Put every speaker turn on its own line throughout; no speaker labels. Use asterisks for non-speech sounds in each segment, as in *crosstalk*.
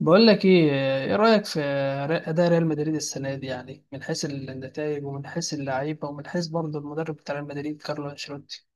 بقول لك ايه، ايه رأيك في اداء ريال مدريد السنة دي، يعني من حيث النتائج ومن حيث اللعيبة ومن حيث برضه المدرب بتاع ريال مدريد كارلو انشيلوتي.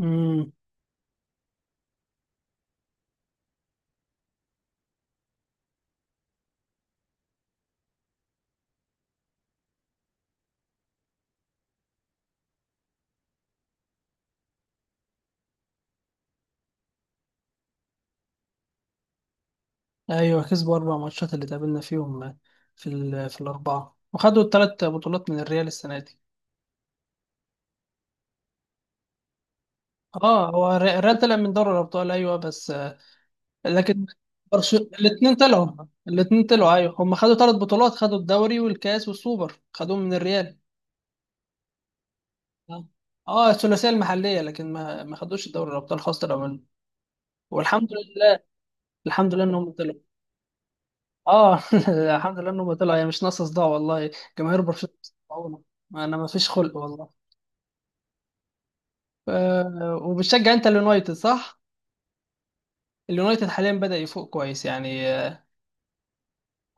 امم ايوه، كسبوا 4 ماتشات اللي تقابلنا فيهم في الاربعة، وخدوا الثلاث بطولات من الريال السنة دي. اه، الريال طلع من دوري الابطال، ايوه، بس. لكن برشلونة الاثنين طلعوا، ايوه، هم خدوا 3 بطولات، خدوا الدوري والكاس والسوبر، خدوهم من الريال. اه، الثلاثيه المحليه، لكن ما خدوش دوري الابطال خاصه لو. والحمد لله. الحمد لله انهم طلعوا. اه. *laughs* الحمد لله انهم طلعوا، هي مش ناقصه صداع والله. جماهير برشلونه بتسمعونا. انا ما فيش خلق والله. ف... وبتشجع انت اليونايتد صح؟ اليونايتد حاليا بدأ يفوق كويس، يعني.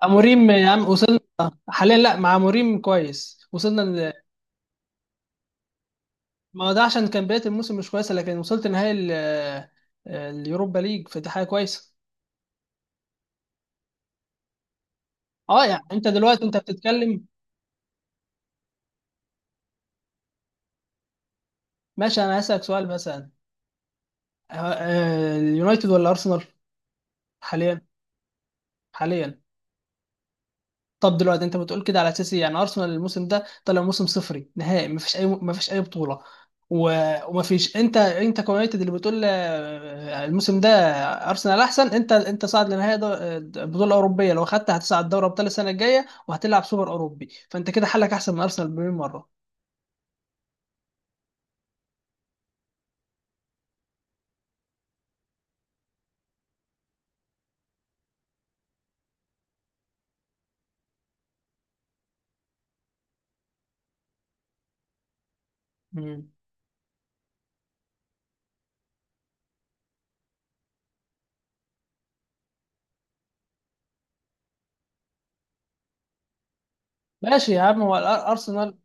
اموريم يا عم وصلنا. حاليا، لا، مع اموريم كويس، وصلنا. ما هو ده عشان كان بدايه الموسم مش كويسه، لكن وصلت نهائي اليوروبا ليج، فدي حاجه كويسه. اه، يعني انت دلوقتي بتتكلم. ماشي، انا هسألك سؤال مثلا. اليونايتد ولا ارسنال؟ حاليا. حاليا. طب دلوقتي انت بتقول كده على اساس إيه؟ يعني ارسنال الموسم ده طلع موسم صفري نهائي، مفيش اي بطولة. ومفيش. انت كيونايتد اللي بتقول الموسم ده ارسنال احسن. انت صاعد لنهائي بطولة اوروبية، لو خدت هتصعد دوري ابطال السنة الجاية وهتلعب سوبر اوروبي، فانت كده حلك احسن من ارسنال بمليون مرة. مم. ماشي يا عم، ارسنال،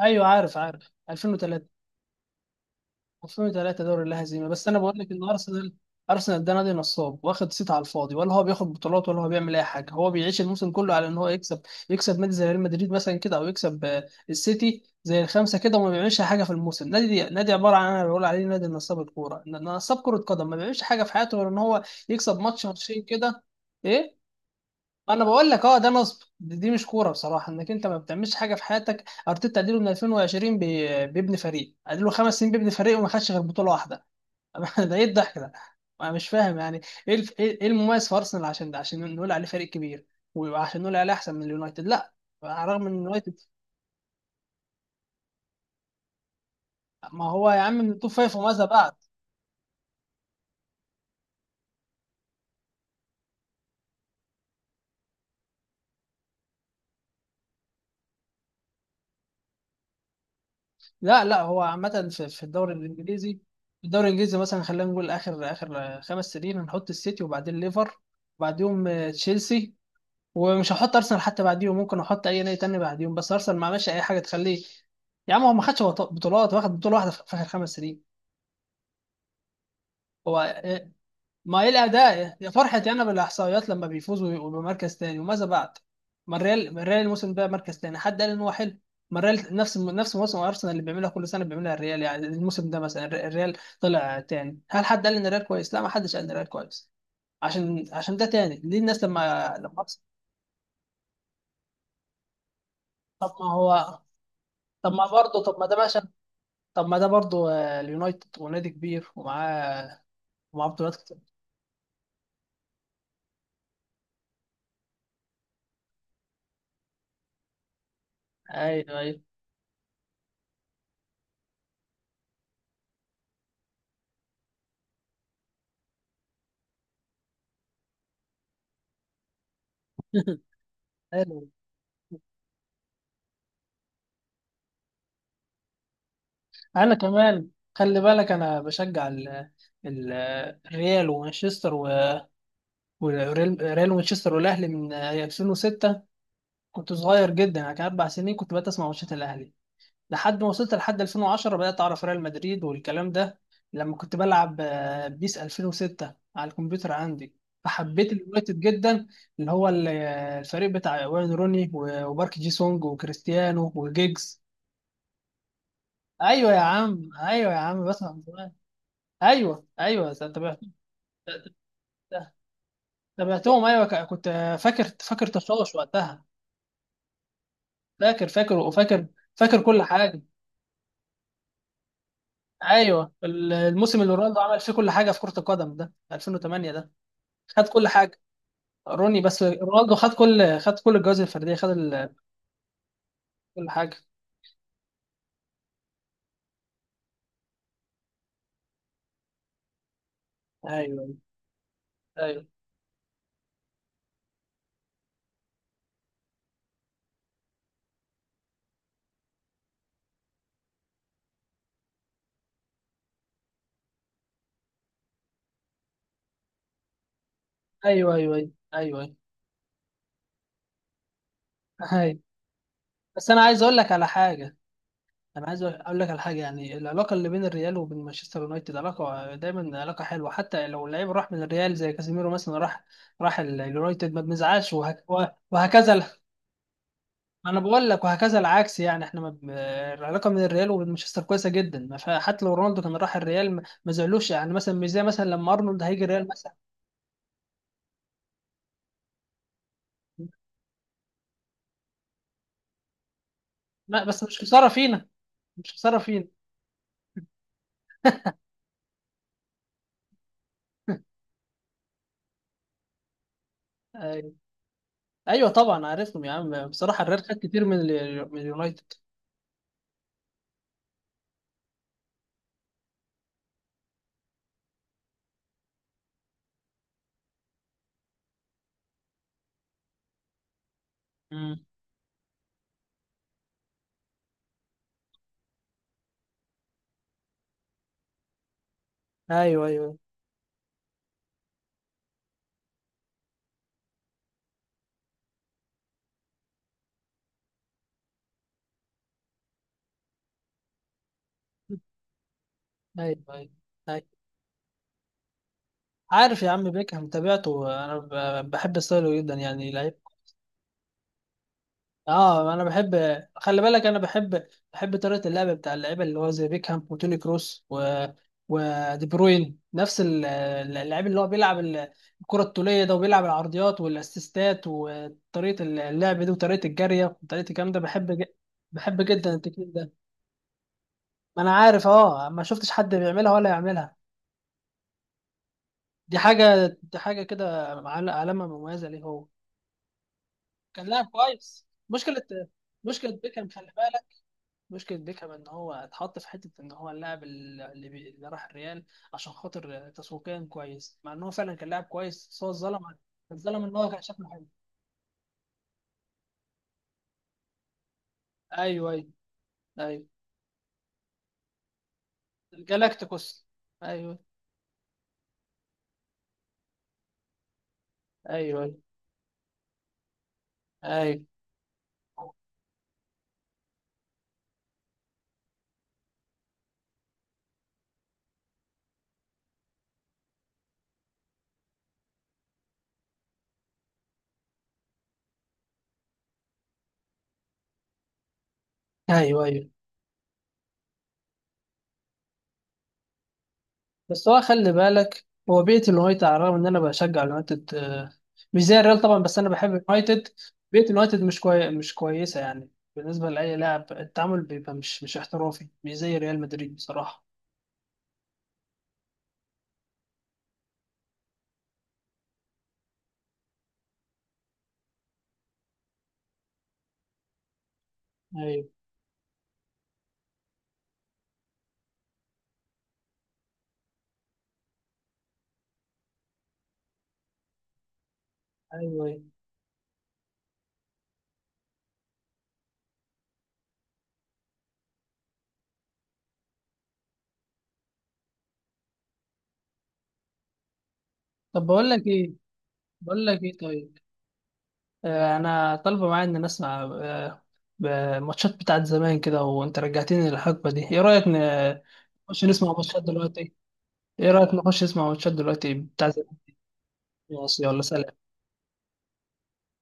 ايوه، عارف، 2003، وصلوا 3 دوري لا هزيمة، بس أنا بقول لك إن أرسنال، ده نادي نصاب، واخد صيت على الفاضي، ولا هو بياخد بطولات ولا هو بيعمل أي حاجة، هو بيعيش الموسم كله على إن هو يكسب، نادي زي ريال مدريد مثلا كده، أو يكسب السيتي زي الخمسة كده، وما بيعملش حاجة في الموسم. نادي عبارة عن، أنا بقول عليه نادي نصاب الكورة، نصاب كرة قدم، ما بيعملش حاجة في حياته غير إن هو يكسب ماتش ماتشين كده. إيه، انا بقول لك اه ده نصب، دي مش كوره بصراحه، انك انت ما بتعملش حاجه في حياتك. ارتيتا اديله من 2020، بيبني فريق، اديله 5 سنين بيبني فريق وما خدش غير بطوله واحده. *laughs* ده ايه الضحك ده؟ انا مش فاهم يعني. ايه المميز في ارسنال، عشان ده عشان نقول عليه فريق كبير، وعشان نقول عليه احسن من اليونايتد؟ لا، على الرغم ان اليونايتد، ما هو يا عم من التوب فايف وماذا بعد. لا لا، هو عامه في الدوري الانجليزي. في الدوري الانجليزي مثلا، خلينا نقول اخر 5 سنين، هنحط السيتي وبعدين ليفر، وبعديهم تشيلسي، ومش هحط ارسنال حتى بعديهم، ممكن احط اي نادي تاني بعديهم، بس ارسنال ما عملش اي حاجه تخليه. يا عم هو ما خدش بطولات، واخد بطوله واحده في اخر 5 سنين. هو إيه- ما ايه الاداء يا فرحتي، انا بالاحصائيات لما بيفوز ويبقوا بمركز تاني، وماذا بعد؟ ما الريال، الموسم ده مركز تاني، حد قال ان هو حلو؟ ما الريال نفس موسم ارسنال، اللي بيعملها كل سنه بيعملها الريال، يعني الموسم ده مثلا الريال طلع تاني، هل حد قال ان الريال كويس؟ لا، ما حدش قال ان الريال كويس. عشان ده تاني، ليه الناس لما لما طب ما هو، طب ما برضه، طب ما ده ماشي، طب ما ده برضو اليونايتد ونادي كبير ومعاه بطولات كتير. ايوه، ايوه. *laughs* حلو. انا كمان خلي بالك، انا بشجع ال- الريال ومانشستر، والريال ومانشستر والاهلي من 2006، كنت صغير جدا يعني، كان 4 سنين، كنت بقيت اسمع ماتشات الاهلي لحد ما وصلت لحد 2010، بدأت أعرف ريال مدريد والكلام ده، لما كنت بلعب بيس 2006 على الكمبيوتر عندي. فحبيت اليونايتد جدا، اللي هو الفريق بتاع وين روني، وبارك جي سونج وكريستيانو وجيجز. ايوه يا عم، ايوه يا عم، بسمع من زمان. ايوه، ايوه، تابعت. تابعتهم ايوه، كنت فاكر، فاكر تشوش وقتها. فاكر، فاكر، وفاكر، فاكر كل حاجه. ايوه الموسم اللي رونالدو عمل فيه كل حاجه في كره القدم ده، 2008 ده، خد كل حاجه. روني، بس رونالدو خد كل، الجوائز الفرديه، كل حاجه. ايوه، ايوه، ايوه، ايوه، ايوه، ايوه، ايوه. بس انا عايز اقول لك على حاجه. يعني العلاقه اللي بين الريال وبين مانشستر يونايتد علاقه دايما، علاقه حلوه، حتى لو اللعيب راح من الريال زي كازيميرو مثلا، راح اليونايتد ما بنزعلش، وهكذا. انا بقول لك وهكذا العكس يعني، احنا العلاقه من الريال ومانشستر كويسه جدا، ما فيها- حتى لو رونالدو كان راح الريال ما زعلوش، يعني مثلا مش زي مثلا لما ارنولد هيجي الريال مثلا. لا، بس مش خساره فينا، مش خساره فينا. أيوة. ايوه طبعا عارفهم يا عم، بصراحه الريال خد كتير من من اليونايتد. مم. ايوه، ايوه، ايوه، ايوه. أيوة. عارف يا عم بيكهام، تابعته انا، بحب ستايله جدا يعني. اه انا بحب، خلي بالك انا بحب طريقه اللعب بتاع اللعيبه، اللي هو زي بيكهام وتوني كروس و ودي بروين، نفس اللعيب اللي هو بيلعب الكره الطوليه ده، وبيلعب العرضيات والاسيستات وطريقه اللعب دي وطريقه الجاريه وطريقه الكلام ده، بحب جدا التكنيك ده. ما انا عارف، اه، ما شفتش حد بيعملها ولا يعملها، دي حاجه كده، علامه مميزه ليه هو، كان لاعب كويس. مشكله، مشكله بيكهام خلي بالك، مشكلة بيكهام إن هو اتحط في حتة إن هو اللاعب اللي، اللي راح الريال عشان خاطر تسويقيا كويس، مع إن هو فعلا كان لاعب كويس، بس هو اتظلم، إن هو كان شكله حلو. أيوه، أيوه، أيوه. الجالاكتيكوس. أيوه، أيوه، أيوه، أيوه، أيوه، أيوه. بس هو خلي بالك، هو بيئة اليونايتد، على الرغم إن أنا بشجع اليونايتد مش زي الريال طبعا، بس أنا بحب اليونايتد. بيئة اليونايتد مش كويسة يعني، بالنسبة لأي لاعب التعامل بيبقى مش احترافي، مش زي ريال مدريد بصراحة. أيوه، ايوه. أيوة. طب بقول لك ايه، طيب، آه انا طالبه معايا ان نسمع، ماتشات بتاعت زمان كده، وانت رجعتني للحقبه دي. ايه رايك نخش نسمع ماتشات دلوقتي؟ ايه رايك نخش نسمع ماتشات دلوقتي بتاع زمان؟ ماشي، يلا سلام.